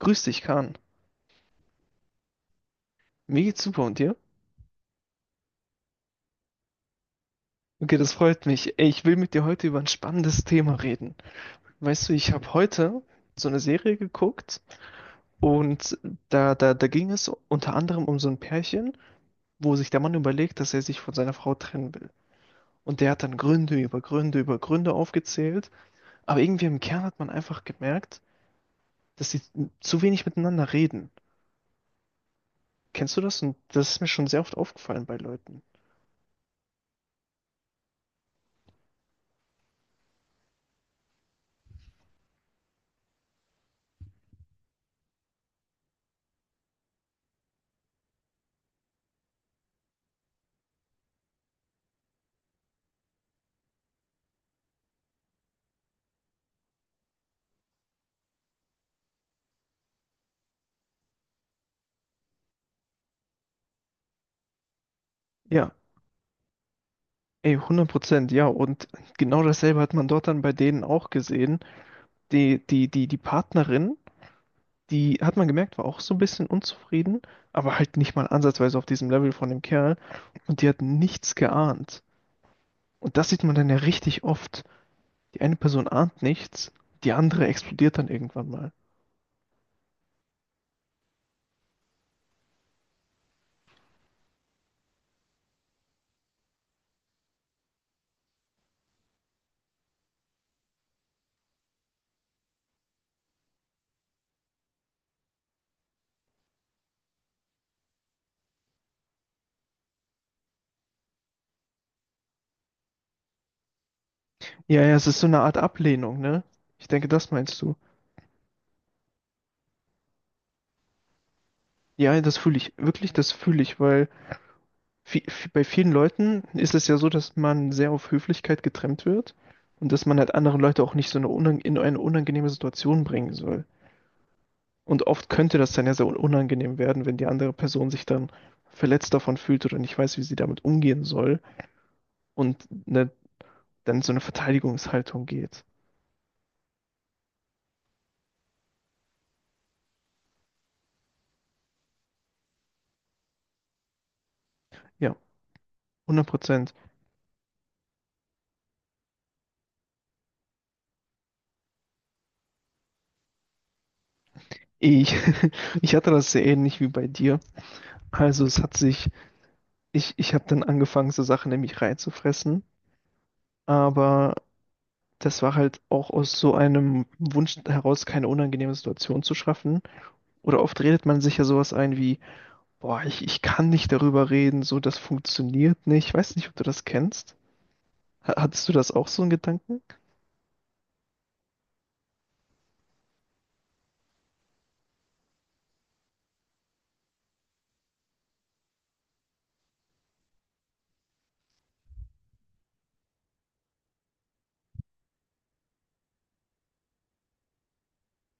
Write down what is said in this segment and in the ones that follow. Grüß dich, Kahn. Mir geht's super und dir? Okay, das freut mich. Ey, ich will mit dir heute über ein spannendes Thema reden. Weißt du, ich habe heute so eine Serie geguckt und da ging es unter anderem um so ein Pärchen, wo sich der Mann überlegt, dass er sich von seiner Frau trennen will. Und der hat dann Gründe über Gründe über Gründe aufgezählt, aber irgendwie im Kern hat man einfach gemerkt, dass sie zu wenig miteinander reden. Kennst du das? Und das ist mir schon sehr oft aufgefallen bei Leuten. Ja. Ey, 100%, ja. Und genau dasselbe hat man dort dann bei denen auch gesehen. Die Partnerin, die hat man gemerkt, war auch so ein bisschen unzufrieden, aber halt nicht mal ansatzweise auf diesem Level von dem Kerl. Und die hat nichts geahnt. Und das sieht man dann ja richtig oft. Die eine Person ahnt nichts, die andere explodiert dann irgendwann mal. Ja, ja, es ist so eine Art Ablehnung, ne? Ich denke, das meinst du. Ja, das fühle ich, wirklich, das fühle ich, weil bei vielen Leuten ist es ja so, dass man sehr auf Höflichkeit getrimmt wird und dass man halt andere Leute auch nicht so eine unang in eine unangenehme Situation bringen soll. Und oft könnte das dann ja sehr unangenehm werden, wenn die andere Person sich dann verletzt davon fühlt oder nicht weiß, wie sie damit umgehen soll und, ne, dann so eine Verteidigungshaltung geht. Ja, 100%. Ich, ich hatte das sehr ähnlich wie bei dir. Also es hat sich, ich habe dann angefangen, so Sachen nämlich reinzufressen. Aber das war halt auch aus so einem Wunsch heraus, keine unangenehme Situation zu schaffen. Oder oft redet man sich ja sowas ein wie, boah, ich kann nicht darüber reden, so, das funktioniert nicht. Ich weiß nicht, ob du das kennst. Hattest du das auch, so einen Gedanken?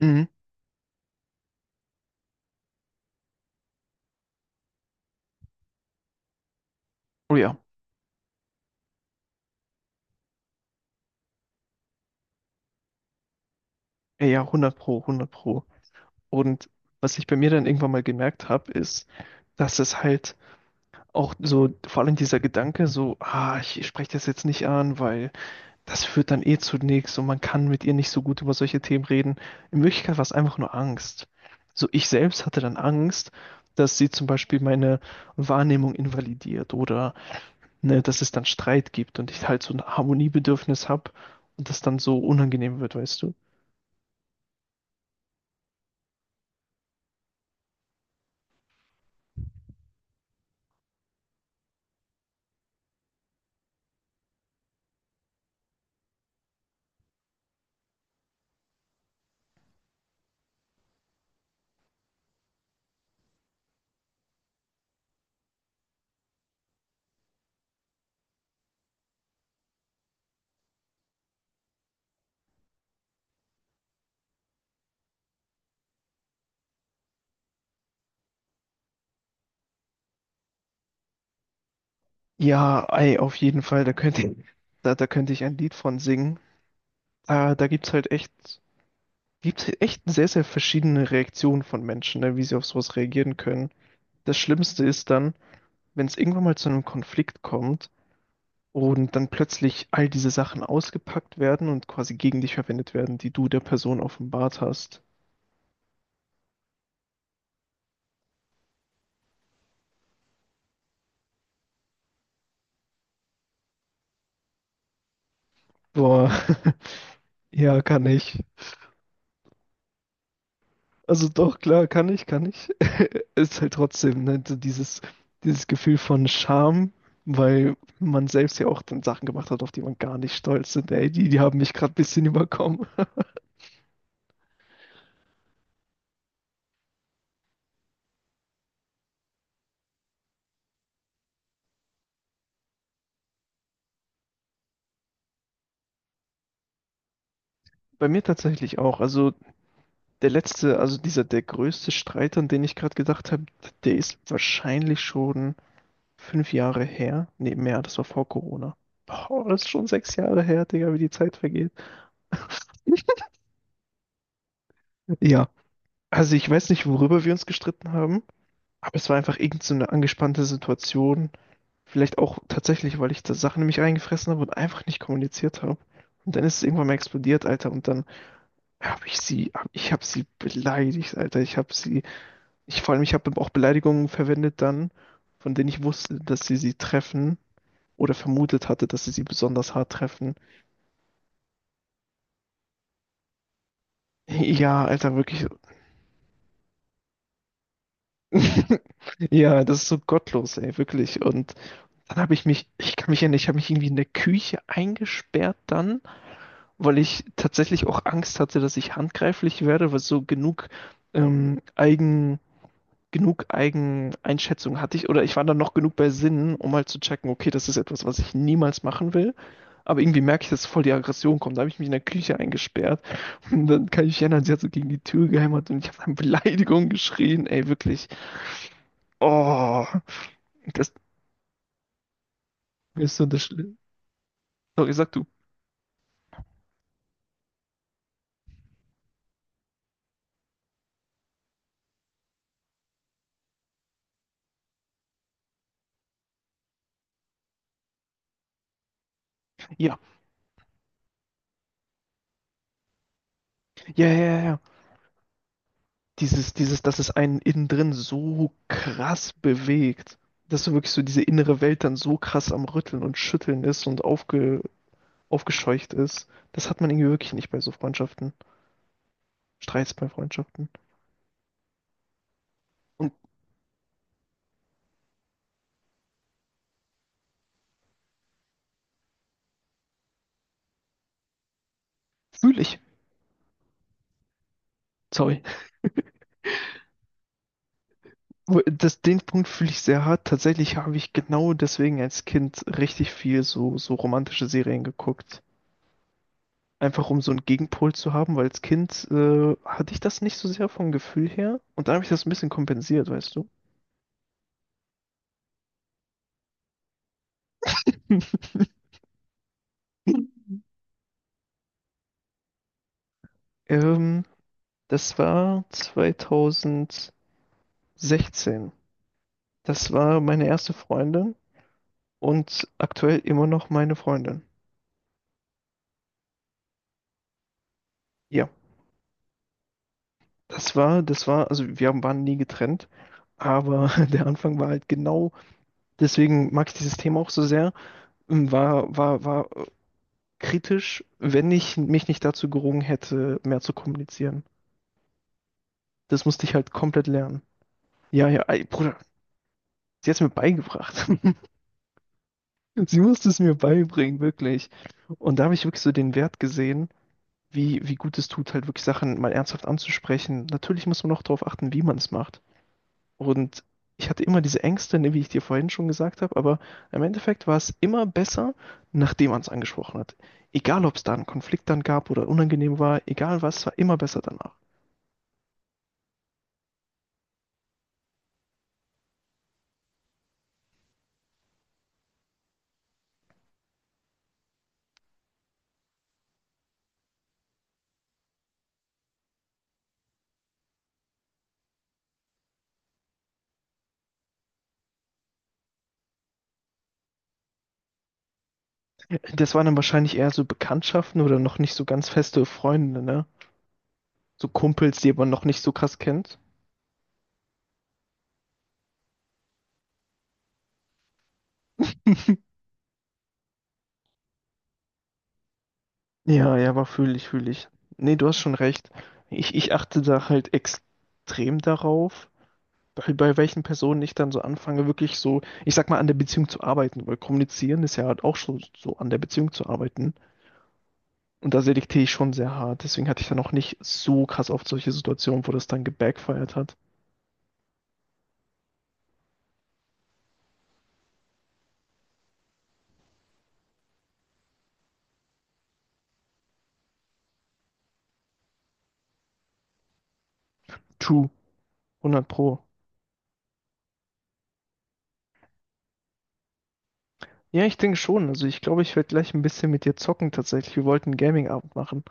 Mhm. Oh ja, ja, ja, 100 Pro, 100 Pro. Und was ich bei mir dann irgendwann mal gemerkt habe, ist, dass es halt auch so, vor allem dieser Gedanke, so, ah, ich spreche das jetzt nicht an, weil das führt dann eh zu nichts und man kann mit ihr nicht so gut über solche Themen reden. In Wirklichkeit war es einfach nur Angst. So, ich selbst hatte dann Angst, dass sie zum Beispiel meine Wahrnehmung invalidiert oder, ne, dass es dann Streit gibt und ich halt so ein Harmoniebedürfnis habe und das dann so unangenehm wird, weißt du? Ja, ey, auf jeden Fall, da könnte ich ein Lied von singen. Da gibt's halt echt sehr, sehr verschiedene Reaktionen von Menschen, ne, wie sie auf sowas reagieren können. Das Schlimmste ist dann, wenn es irgendwann mal zu einem Konflikt kommt und dann plötzlich all diese Sachen ausgepackt werden und quasi gegen dich verwendet werden, die du der Person offenbart hast. Boah, ja, kann ich. Also doch, klar, kann ich. Ist halt trotzdem, ne, so dieses Gefühl von Scham, weil man selbst ja auch dann Sachen gemacht hat, auf die man gar nicht stolz ist. Ey, die haben mich gerade ein bisschen überkommen. Bei mir tatsächlich auch. Also der letzte, also dieser, der größte Streit, an den ich gerade gedacht habe, der ist wahrscheinlich schon 5 Jahre her. Nee, mehr, das war vor Corona. Boah, das ist schon 6 Jahre her, Digga, wie die Zeit vergeht. Ja, also ich weiß nicht, worüber wir uns gestritten haben, aber es war einfach irgend so eine angespannte Situation. Vielleicht auch tatsächlich, weil ich da Sachen in mich reingefressen habe und einfach nicht kommuniziert habe. Und dann ist es irgendwann mal explodiert, Alter. Und dann habe ich sie, ich habe sie beleidigt, Alter. Ich habe sie, ich vor allem, ich habe auch Beleidigungen verwendet dann, von denen ich wusste, dass sie sie treffen oder vermutet hatte, dass sie sie besonders hart treffen. Ja, Alter, wirklich. Ja, das ist so gottlos, ey, wirklich. Und dann habe ich mich, ich kann mich erinnern, ich habe mich irgendwie in der Küche eingesperrt dann, weil ich tatsächlich auch Angst hatte, dass ich handgreiflich werde, weil so genug ähm, genug Eigeneinschätzung hatte ich, oder ich war dann noch genug bei Sinnen, um halt zu checken, okay, das ist etwas, was ich niemals machen will. Aber irgendwie merke ich, dass voll die Aggression kommt. Da habe ich mich in der Küche eingesperrt. Und dann kann ich mich erinnern, sie hat so gegen die Tür gehämmert und ich habe dann Beleidigungen geschrien. Ey, wirklich. Oh, das ist so das Schlimme. Sorry, sag du. Ja, ja, ja, ja, ja. Dieses, dass es einen innen drin so krass bewegt. Dass so wirklich so diese innere Welt dann so krass am Rütteln und Schütteln ist und aufgescheucht ist. Das hat man irgendwie wirklich nicht bei so Freundschaften, Streits bei Freundschaften. Und fühle ich, sorry, das, den Punkt fühle ich sehr hart. Tatsächlich habe ich genau deswegen als Kind richtig viel so romantische Serien geguckt. Einfach um so einen Gegenpol zu haben, weil als Kind hatte ich das nicht so sehr vom Gefühl her. Und da habe ich das ein bisschen kompensiert, weißt du? ähm, das war 2016. Das war meine erste Freundin, und aktuell immer noch meine Freundin. Ja, das war, also wir waren nie getrennt, aber der Anfang war halt, genau, deswegen mag ich dieses Thema auch so sehr, war kritisch, wenn ich mich nicht dazu gerungen hätte, mehr zu kommunizieren. Das musste ich halt komplett lernen. Ja, ja, ey, Bruder, sie hat es mir beigebracht. Sie musste es mir beibringen, wirklich. Und da habe ich wirklich so den Wert gesehen, wie gut es tut, halt wirklich Sachen mal ernsthaft anzusprechen. Natürlich muss man auch darauf achten, wie man es macht. Und ich hatte immer diese Ängste, ne, wie ich dir vorhin schon gesagt habe, aber im Endeffekt war es immer besser, nachdem man es angesprochen hat. Egal, ob es da einen Konflikt dann gab oder unangenehm war, egal was, war immer besser danach. Das waren dann wahrscheinlich eher so Bekanntschaften oder noch nicht so ganz feste Freunde, ne? So Kumpels, die man noch nicht so krass kennt. Ja, ja, aber fühle ich, fühle ich. Nee, du hast schon recht. Ich achte da halt extrem darauf, bei welchen Personen ich dann so anfange, wirklich so, ich sag mal, an der Beziehung zu arbeiten, weil kommunizieren ist ja halt auch schon so an der Beziehung zu arbeiten. Und da selektiere ich schon sehr hart. Deswegen hatte ich dann auch nicht so krass auf solche Situationen, wo das dann gebackfired hat. True, hundert Pro. Ja, ich denke schon. Also ich glaube, ich werde gleich ein bisschen mit dir zocken tatsächlich. Wir wollten einen Gaming-Abend machen.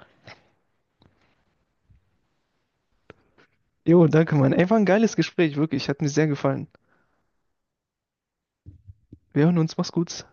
Jo, danke, Mann. Ey, war ein geiles Gespräch, wirklich. Hat mir sehr gefallen. Wir hören uns. Mach's gut.